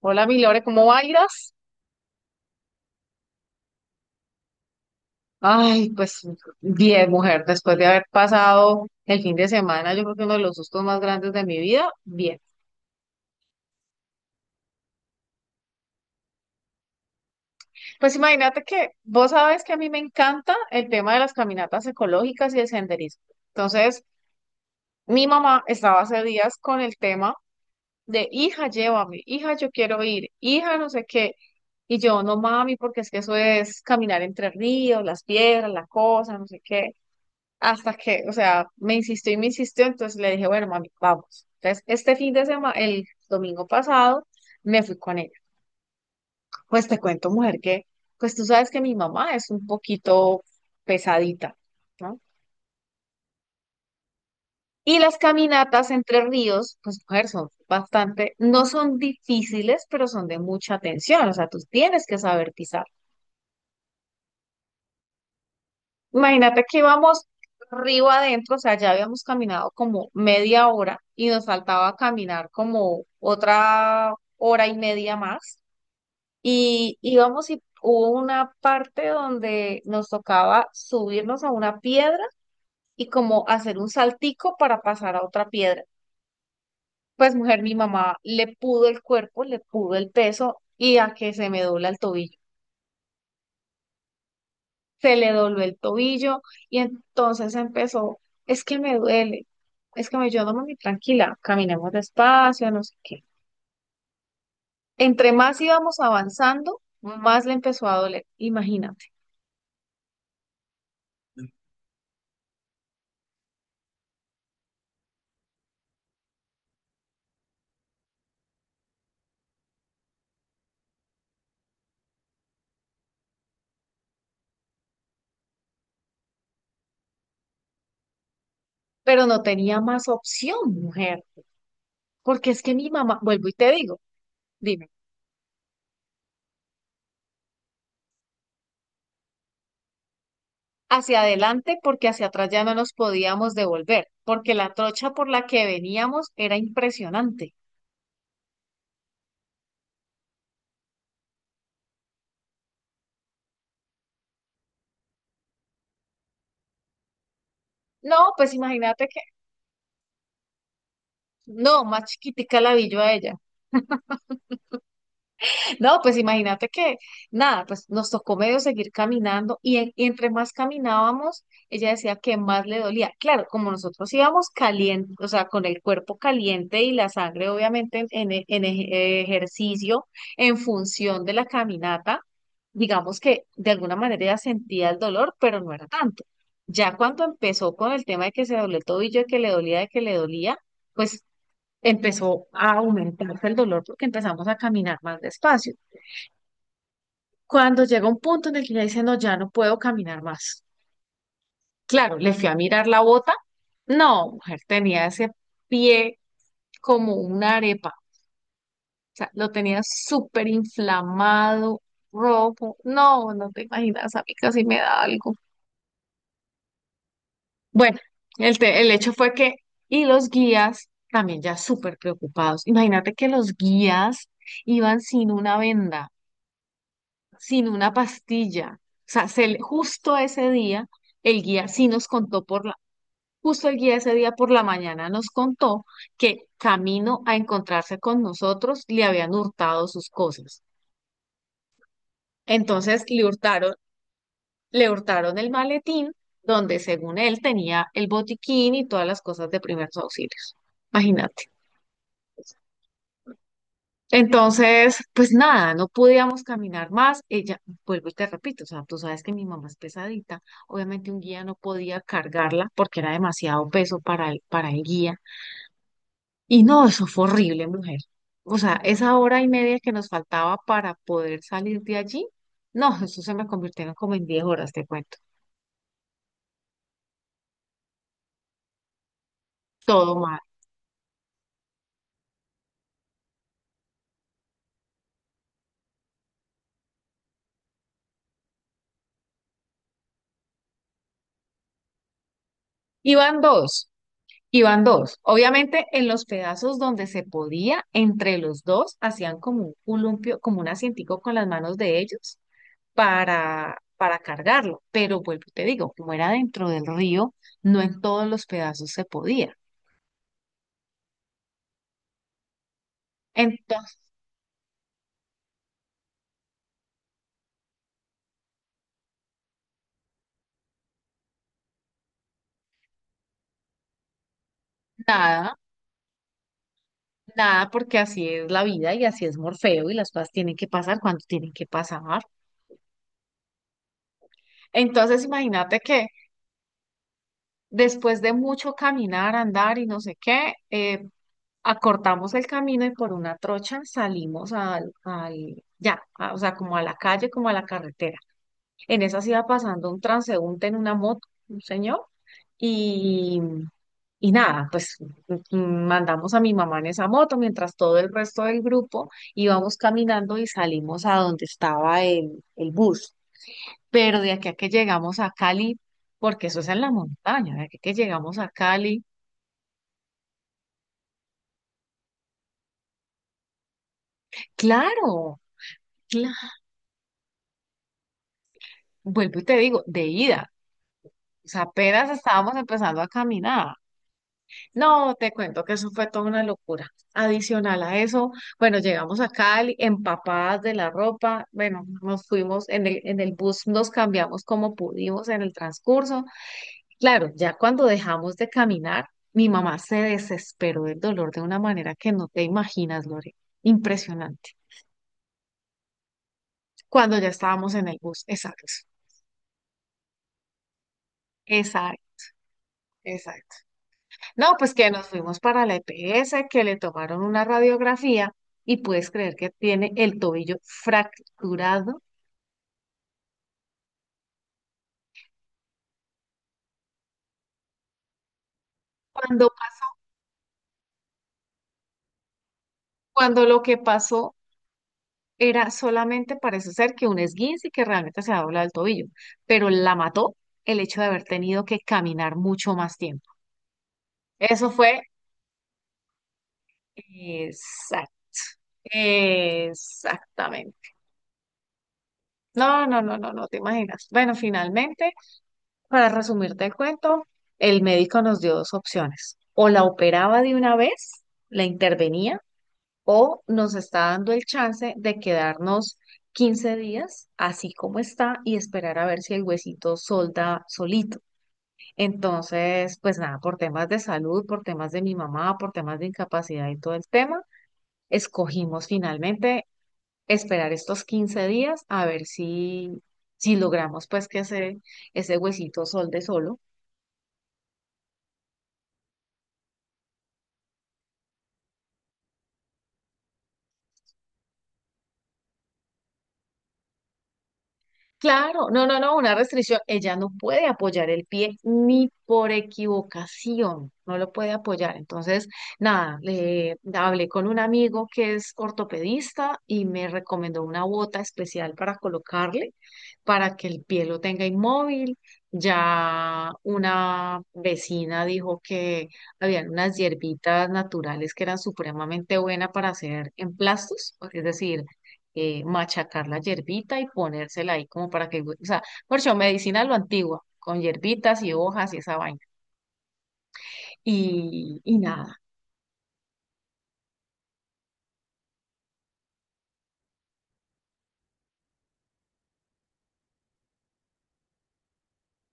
Hola, mi Lore, ¿cómo bailas? Ay, pues bien, mujer, después de haber pasado el fin de semana, yo creo que uno de los sustos más grandes de mi vida, bien. Pues imagínate que vos sabes que a mí me encanta el tema de las caminatas ecológicas y el senderismo. Entonces, mi mamá estaba hace días con el tema de, hija, llévame, hija, yo quiero ir, hija, no sé qué. Y yo, no mami, porque es que eso es caminar entre ríos, las piedras, la cosa, no sé qué. Hasta que, o sea, me insistió y me insistió, entonces le dije, bueno, mami, vamos. Entonces, este fin de semana, el domingo pasado, me fui con ella. Pues te cuento, mujer, que, pues tú sabes que mi mamá es un poquito pesadita, ¿no? Y las caminatas entre ríos, pues mujer, son bastante, no son difíciles, pero son de mucha atención, o sea, tú tienes que saber pisar. Imagínate que íbamos río adentro, o sea, ya habíamos caminado como media hora y nos faltaba caminar como otra hora y media más. Y íbamos y hubo una parte donde nos tocaba subirnos a una piedra y como hacer un saltico para pasar a otra piedra. Pues mujer, mi mamá le pudo el cuerpo, le pudo el peso y a que se me dobla el tobillo. Se le dobló el tobillo y entonces empezó, es que me duele, es que me, yo no me tranquila, caminemos despacio, no sé qué. Entre más íbamos avanzando, más le empezó a doler, imagínate. Pero no tenía más opción, mujer, porque es que mi mamá, vuelvo y te digo, dime, hacia adelante porque hacia atrás ya no nos podíamos devolver, porque la trocha por la que veníamos era impresionante. No, pues imagínate que, no, más chiquitica la vi yo a ella. No, pues imagínate que, nada, pues nos tocó medio seguir caminando y, y entre más caminábamos, ella decía que más le dolía. Claro, como nosotros íbamos caliente, o sea, con el cuerpo caliente y la sangre obviamente en, en ejercicio, en función de la caminata, digamos que de alguna manera ella sentía el dolor, pero no era tanto. Ya cuando empezó con el tema de que se dobló el tobillo, de que le dolía, de que le dolía, pues empezó a aumentarse el dolor porque empezamos a caminar más despacio cuando llega un punto en el que ella dice, no, ya no puedo caminar más. Claro, le fui a mirar la bota. No, mujer, tenía ese pie como una arepa. O sea, lo tenía súper inflamado, rojo. No, no te imaginas, a mí casi me da algo. Bueno, el hecho fue que, y los guías también ya súper preocupados. Imagínate que los guías iban sin una venda, sin una pastilla. O sea, justo ese día el guía sí nos contó por la Justo el guía ese día por la mañana nos contó que camino a encontrarse con nosotros le habían hurtado sus cosas. Entonces le hurtaron el maletín donde según él tenía el botiquín y todas las cosas de primeros auxilios. Imagínate. Entonces, pues nada, no podíamos caminar más. Ella, vuelvo y te repito, o sea, tú sabes que mi mamá es pesadita. Obviamente un guía no podía cargarla porque era demasiado peso para para el guía. Y no, eso fue horrible, mujer. O sea, esa hora y media que nos faltaba para poder salir de allí, no, eso se me convirtieron como en diez horas, te cuento. Todo mal. Iban dos, iban dos. Obviamente, en los pedazos donde se podía, entre los dos, hacían como un columpio, como un asientico con las manos de ellos para cargarlo. Pero vuelvo y te digo, como era dentro del río, no en todos los pedazos se podía. Entonces, nada. Nada, porque así es la vida y así es Morfeo y las cosas tienen que pasar cuando tienen que pasar. Entonces, imagínate que después de mucho caminar, andar y no sé qué, acortamos el camino y por una trocha salimos o sea, como a la calle, como a la carretera. En esas iba pasando un transeúnte en una moto, un señor, y nada, pues mandamos a mi mamá en esa moto mientras todo el resto del grupo íbamos caminando y salimos a donde estaba el bus. Pero de aquí a que llegamos a Cali, porque eso es en la montaña, de aquí a que llegamos a Cali, claro, claro, vuelvo y te digo, de ida. O sea, apenas estábamos empezando a caminar. No, te cuento que eso fue toda una locura. Adicional a eso, bueno, llegamos a Cali empapadas de la ropa, bueno, nos fuimos en en el bus, nos cambiamos como pudimos en el transcurso. Claro, ya cuando dejamos de caminar, mi mamá se desesperó del dolor de una manera que no te imaginas, Lore. Impresionante. Cuando ya estábamos en el bus, exacto, exacto, exacto. No, pues que nos fuimos para la EPS, que le tomaron una radiografía y puedes creer que tiene el tobillo fracturado cuando, cuando lo que pasó era solamente parece ser que un esguince y que realmente se ha doblado el tobillo, pero la mató el hecho de haber tenido que caminar mucho más tiempo. Eso fue exact- exactamente. No, no, no, no, no te imaginas. Bueno, finalmente para resumirte el cuento, el médico nos dio dos opciones. O la operaba de una vez, la intervenía, o nos está dando el chance de quedarnos 15 días así como está y esperar a ver si el huesito solda solito. Entonces, pues nada, por temas de salud, por temas de mi mamá, por temas de incapacidad y todo el tema, escogimos finalmente esperar estos 15 días a ver si, si logramos pues que ese huesito solde solo. Claro, no, no, no, una restricción. Ella no puede apoyar el pie ni por equivocación, no lo puede apoyar. Entonces, nada, le hablé con un amigo que es ortopedista y me recomendó una bota especial para colocarle, para que el pie lo tenga inmóvil. Ya una vecina dijo que habían unas hierbitas naturales que eran supremamente buenas para hacer emplastos, es decir, machacar la hierbita y ponérsela ahí como para que, o sea, por eso medicina a lo antigua, con hierbitas y hojas y esa vaina. Y nada,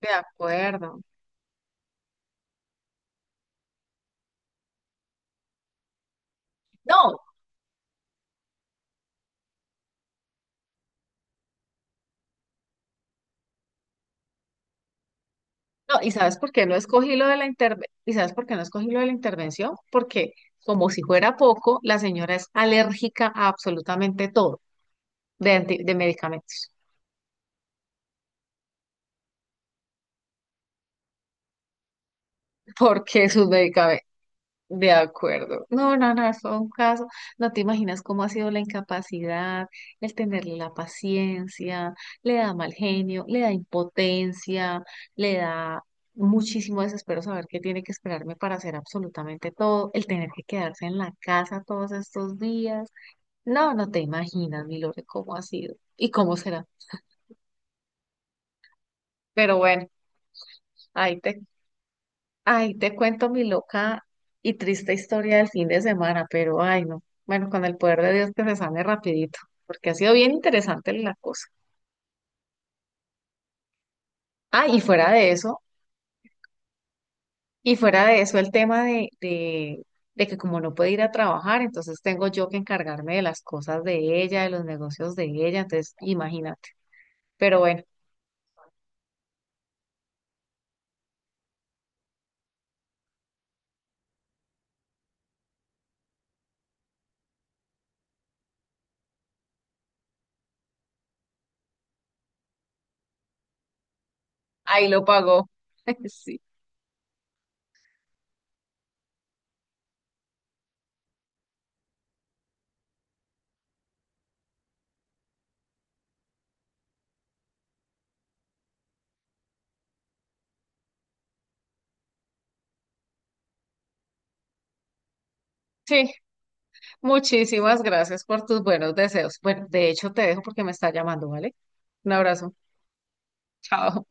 de acuerdo. No, no, ¿y sabes por qué no escogí lo de la intervención? ¿Y sabes por qué no escogí lo de la intervención? Porque como si fuera poco, la señora es alérgica a absolutamente todo de, de medicamentos, porque sus medicamentos de acuerdo. No, no, no, fue un caso. No te imaginas cómo ha sido la incapacidad, el tenerle la paciencia, le da mal genio, le da impotencia, le da muchísimo desespero saber que tiene que esperarme para hacer absolutamente todo, el tener que quedarse en la casa todos estos días. No, no te imaginas, mi Lore, cómo ha sido y cómo será. Pero bueno, ahí te ay, te cuento mi loca y triste historia del fin de semana, pero ay, no. Bueno, con el poder de Dios que se sane rapidito, porque ha sido bien interesante la cosa. Ah, y fuera de eso, y fuera de eso el tema de que como no puede ir a trabajar, entonces tengo yo que encargarme de las cosas de ella, de los negocios de ella, entonces imagínate. Pero bueno, ahí lo pagó. Sí. Sí, muchísimas gracias por tus buenos deseos. Bueno, de hecho te dejo porque me está llamando, ¿vale? Un abrazo. Chao.